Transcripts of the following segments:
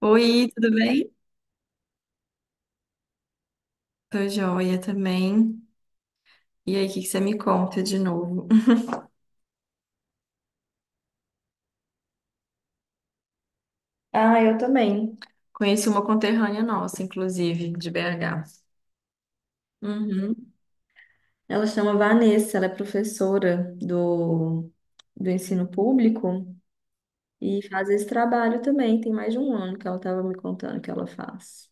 Oi, tudo bem? Tô joia também. E aí, o que que você me conta de novo? Ah, eu também. Conheci uma conterrânea nossa, inclusive, de BH. Uhum. Ela chama Vanessa, ela é professora do ensino público e faz esse trabalho também. Tem mais de um ano que ela estava me contando que ela faz.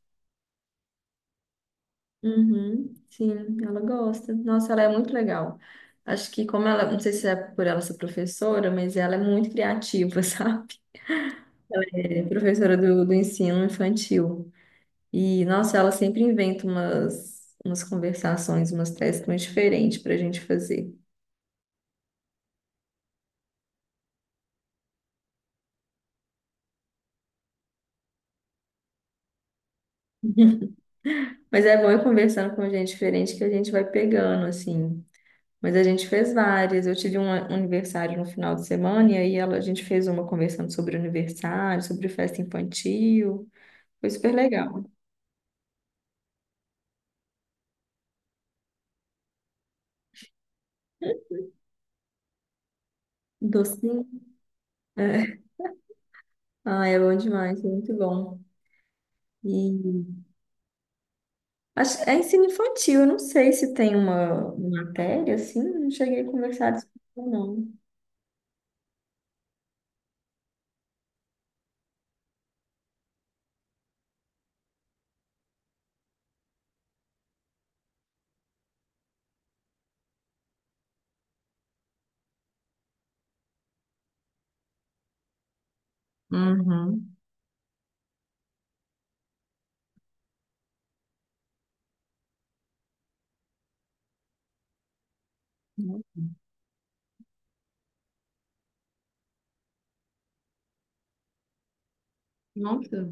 Uhum, sim, ela gosta. Nossa, ela é muito legal. Acho que como ela, não sei se é por ela ser professora, mas ela é muito criativa, sabe? Ela é professora do ensino infantil. E, nossa, ela sempre inventa umas conversações, umas testes muito diferentes para a gente fazer. Mas é bom ir conversando com gente diferente que a gente vai pegando, assim. Mas a gente fez várias. Eu tive um aniversário no final de semana e aí ela, a gente fez uma conversando sobre aniversário, sobre festa infantil. Foi super legal. Docinho. É. Ah, é bom demais, é muito bom. E Acho, é ensino infantil, eu não sei se tem uma matéria assim, não cheguei a conversar disso, não. Uhum. Nossa.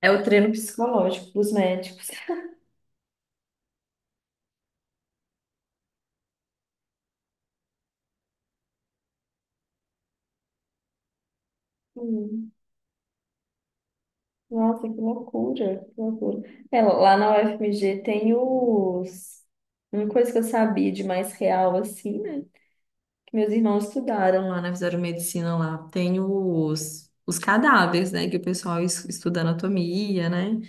É o treino psicológico dos médicos. Hum, Nossa, que loucura, que loucura. É, lá na UFMG tem os... Uma coisa que eu sabia de mais real, assim, né? Que meus irmãos estudaram lá, né? Fizeram medicina lá. Tem os cadáveres, né? Que o pessoal estuda anatomia, né?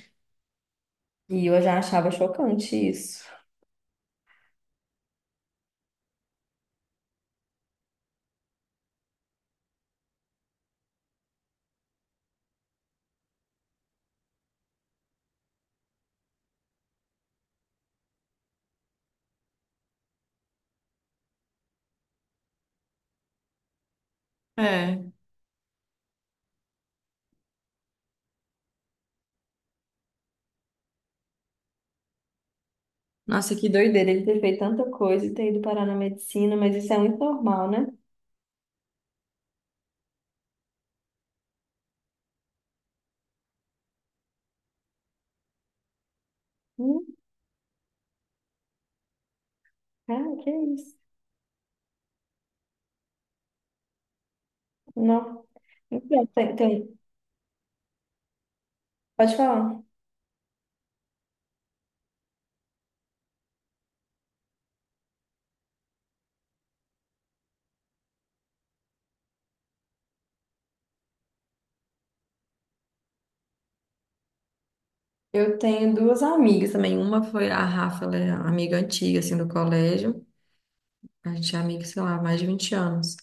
E eu já achava chocante isso. É. Nossa, que doideira ele ter feito tanta coisa e ter ido parar na medicina, mas isso é muito normal, né? Hum, cara, que isso? Não. Então, pode falar. Eu tenho duas amigas também. Uma foi a Rafa, ela é amiga antiga, assim, do colégio. A gente é amiga, sei lá, há mais de 20 anos.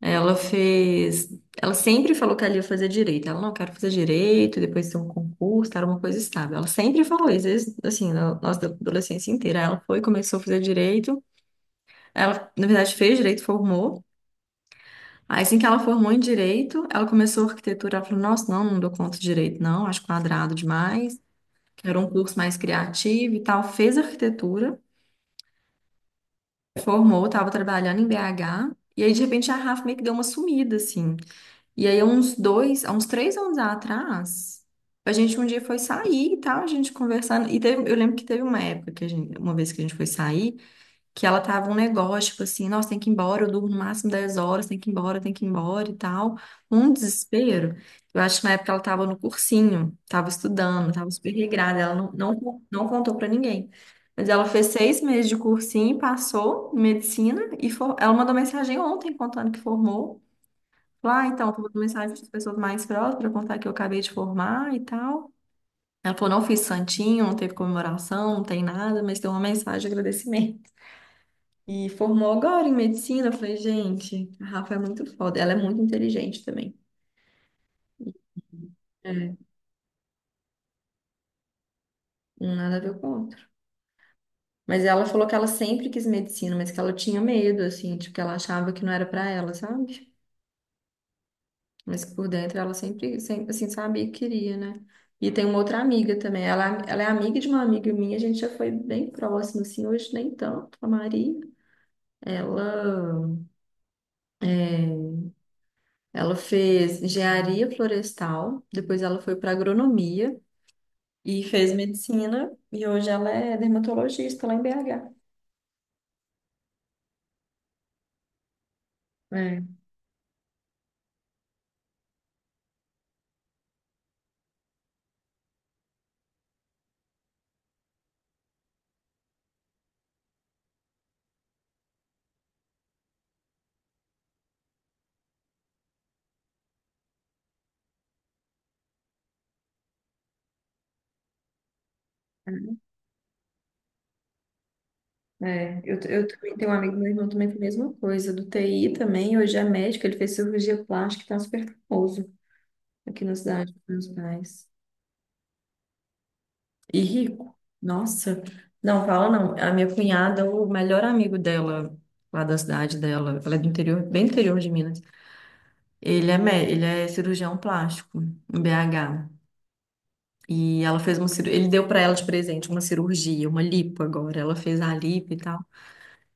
Ela fez. Ela sempre falou que ela ia fazer direito. Ela não quer fazer direito, depois ter um concurso, era uma coisa estável. Ela sempre falou isso, desde, assim, na nossa adolescência inteira. Ela foi, começou a fazer direito. Ela, na verdade, fez direito, formou. Aí, assim que ela formou em direito, ela começou arquitetura. Ela falou: Nossa, não, não dou conta de direito, não, acho quadrado demais. Quero um curso mais criativo e tal. Fez arquitetura, formou, estava trabalhando em BH. E aí, de repente, a Rafa meio que deu uma sumida, assim. E aí, há uns três anos atrás, a gente um dia foi sair e tal, a gente conversando. Eu lembro que teve uma época que uma vez que a gente foi sair. Que ela tava um negócio, tipo assim, nossa, tem que ir embora, eu durmo no máximo 10 horas, tem que ir embora, tem que ir embora e tal. Um desespero. Eu acho que na época ela tava no cursinho, tava estudando, tava super regrada, ela não, não, não contou pra ninguém. Mas ela fez 6 meses de cursinho, passou em medicina. Ela mandou mensagem ontem contando que formou. Lá, ah, então, tô mandando mensagem para as pessoas mais próximas para contar que eu acabei de formar e tal. Ela falou, não fiz santinho, não teve comemoração, não tem nada, mas tem uma mensagem de agradecimento. E formou agora em medicina. Eu falei, gente, a Rafa é muito foda. Ela é muito inteligente também. É, um nada a ver com o outro. Mas ela falou que ela sempre quis medicina, mas que ela tinha medo, assim, tipo, que ela achava que não era pra ela, sabe? Mas que por dentro ela sempre, sempre, assim, sabia que queria, né? E tem uma outra amiga também. Ela é amiga de uma amiga minha, a gente já foi bem próximo, assim, hoje nem tanto, a Maria. Ela, ela fez engenharia florestal, depois ela foi para agronomia e fez medicina, e hoje ela é dermatologista lá em BH. É, é. Eu também tenho um amigo, meu irmão também foi a mesma coisa, do TI também, hoje é médico, ele fez cirurgia plástica e tá super famoso aqui na cidade dos meus pais. E rico. Nossa, não fala não. A minha cunhada, o melhor amigo dela, lá da cidade dela, ela é do interior, bem interior de Minas. Ele é cirurgião plástico em BH. E ela fez uma cirurgia, ele deu pra ela de presente uma cirurgia, uma lipo agora, ela fez a lipo e tal.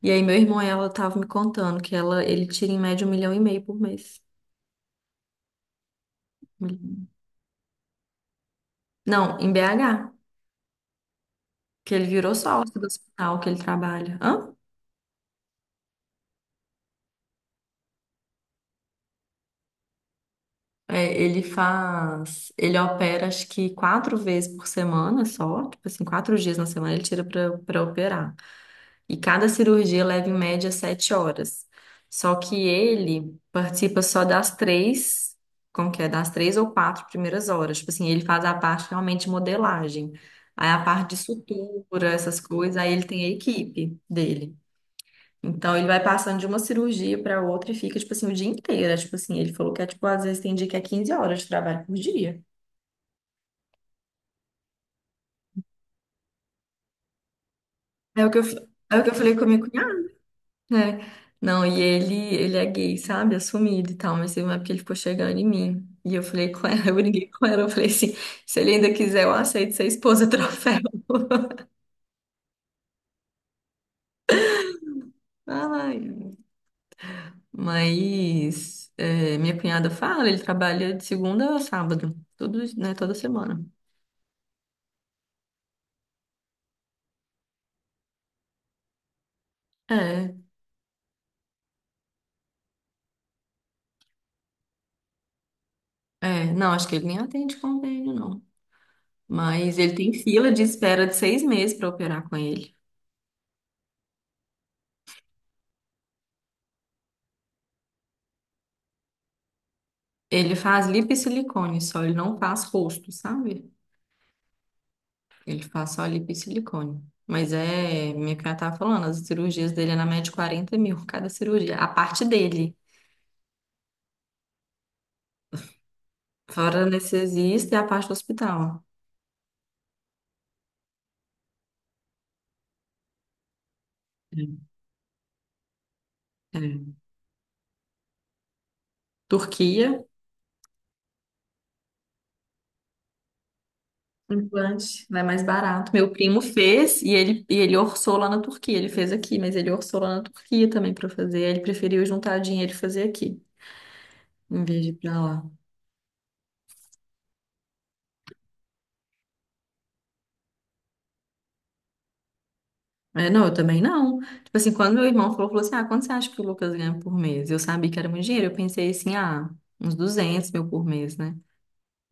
E aí meu irmão, ela tava me contando que ele tira em média um milhão e meio por mês. Um milhão. Não, em BH, que ele virou sócio do hospital que ele trabalha. Hã? É, ele faz, ele opera acho que 4 vezes por semana só, tipo assim, 4 dias na semana ele tira para operar. E cada cirurgia leva em média 7 horas. Só que ele participa só das três, como que é? Das três ou quatro primeiras horas. Tipo assim, ele faz a parte realmente de modelagem. Aí a parte de sutura, essas coisas, aí ele tem a equipe dele. Então ele vai passando de uma cirurgia para outra e fica, tipo assim, o dia inteiro. É, tipo assim, ele falou que é, tipo, às vezes tem dia que é 15 horas de trabalho por dia. É o que eu, f- é o que eu falei comigo, né? Não, e ele é gay, sabe? Assumido e tal, mas teve uma época que ele ficou chegando em mim. E eu falei com ela, eu briguei com ela, eu falei assim, se ele ainda quiser, eu aceito ser esposa troféu. Ai, mas é, minha cunhada fala, ele trabalha de segunda a sábado, todos, né, toda semana. É, é, não, acho que ele nem atende convênio, não. Mas ele tem fila de espera de 6 meses pra operar com ele. Ele faz lipo e silicone só, ele não faz rosto, sabe? Ele faz só lipo e silicone. Mas é, minha cunhada tava falando, as cirurgias dele é na média de 40 mil cada cirurgia. A parte dele, fora anestesista e a parte do hospital. É. É. Turquia, implante, né, mais barato. Meu primo fez e ele orçou lá na Turquia. Ele fez aqui, mas ele orçou lá na Turquia também para fazer. Ele preferiu juntar dinheiro e fazer aqui, em vez de ir pra lá. É, não, eu também não. Tipo assim, quando meu irmão falou assim, ah, quanto você acha que o Lucas ganha por mês? Eu sabia que era muito dinheiro, eu pensei assim, ah, uns 200 mil por mês, né?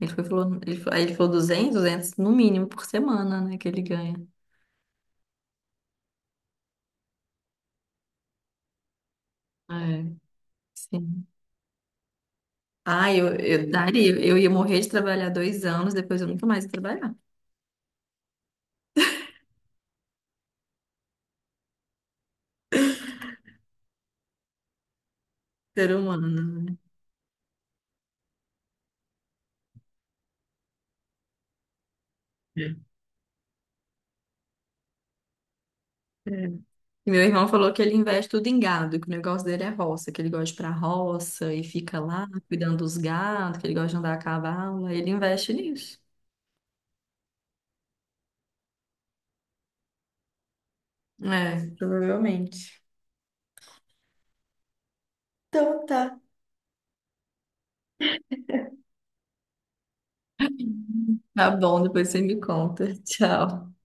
Ele foi, e falou, aí ele falou duzentos no mínimo por semana, né, que ele ganha. É, sim. Ah, eu daria, eu ia morrer de trabalhar 2 anos, depois eu nunca mais ia trabalhar. Ser humano, né? É. E meu irmão falou que ele investe tudo em gado, que o negócio dele é roça, que ele gosta de ir pra roça e fica lá cuidando dos gados, que ele gosta de andar a cavalo, aí ele investe nisso. É, provavelmente. Então tá. Tá bom, depois você me conta. Tchau.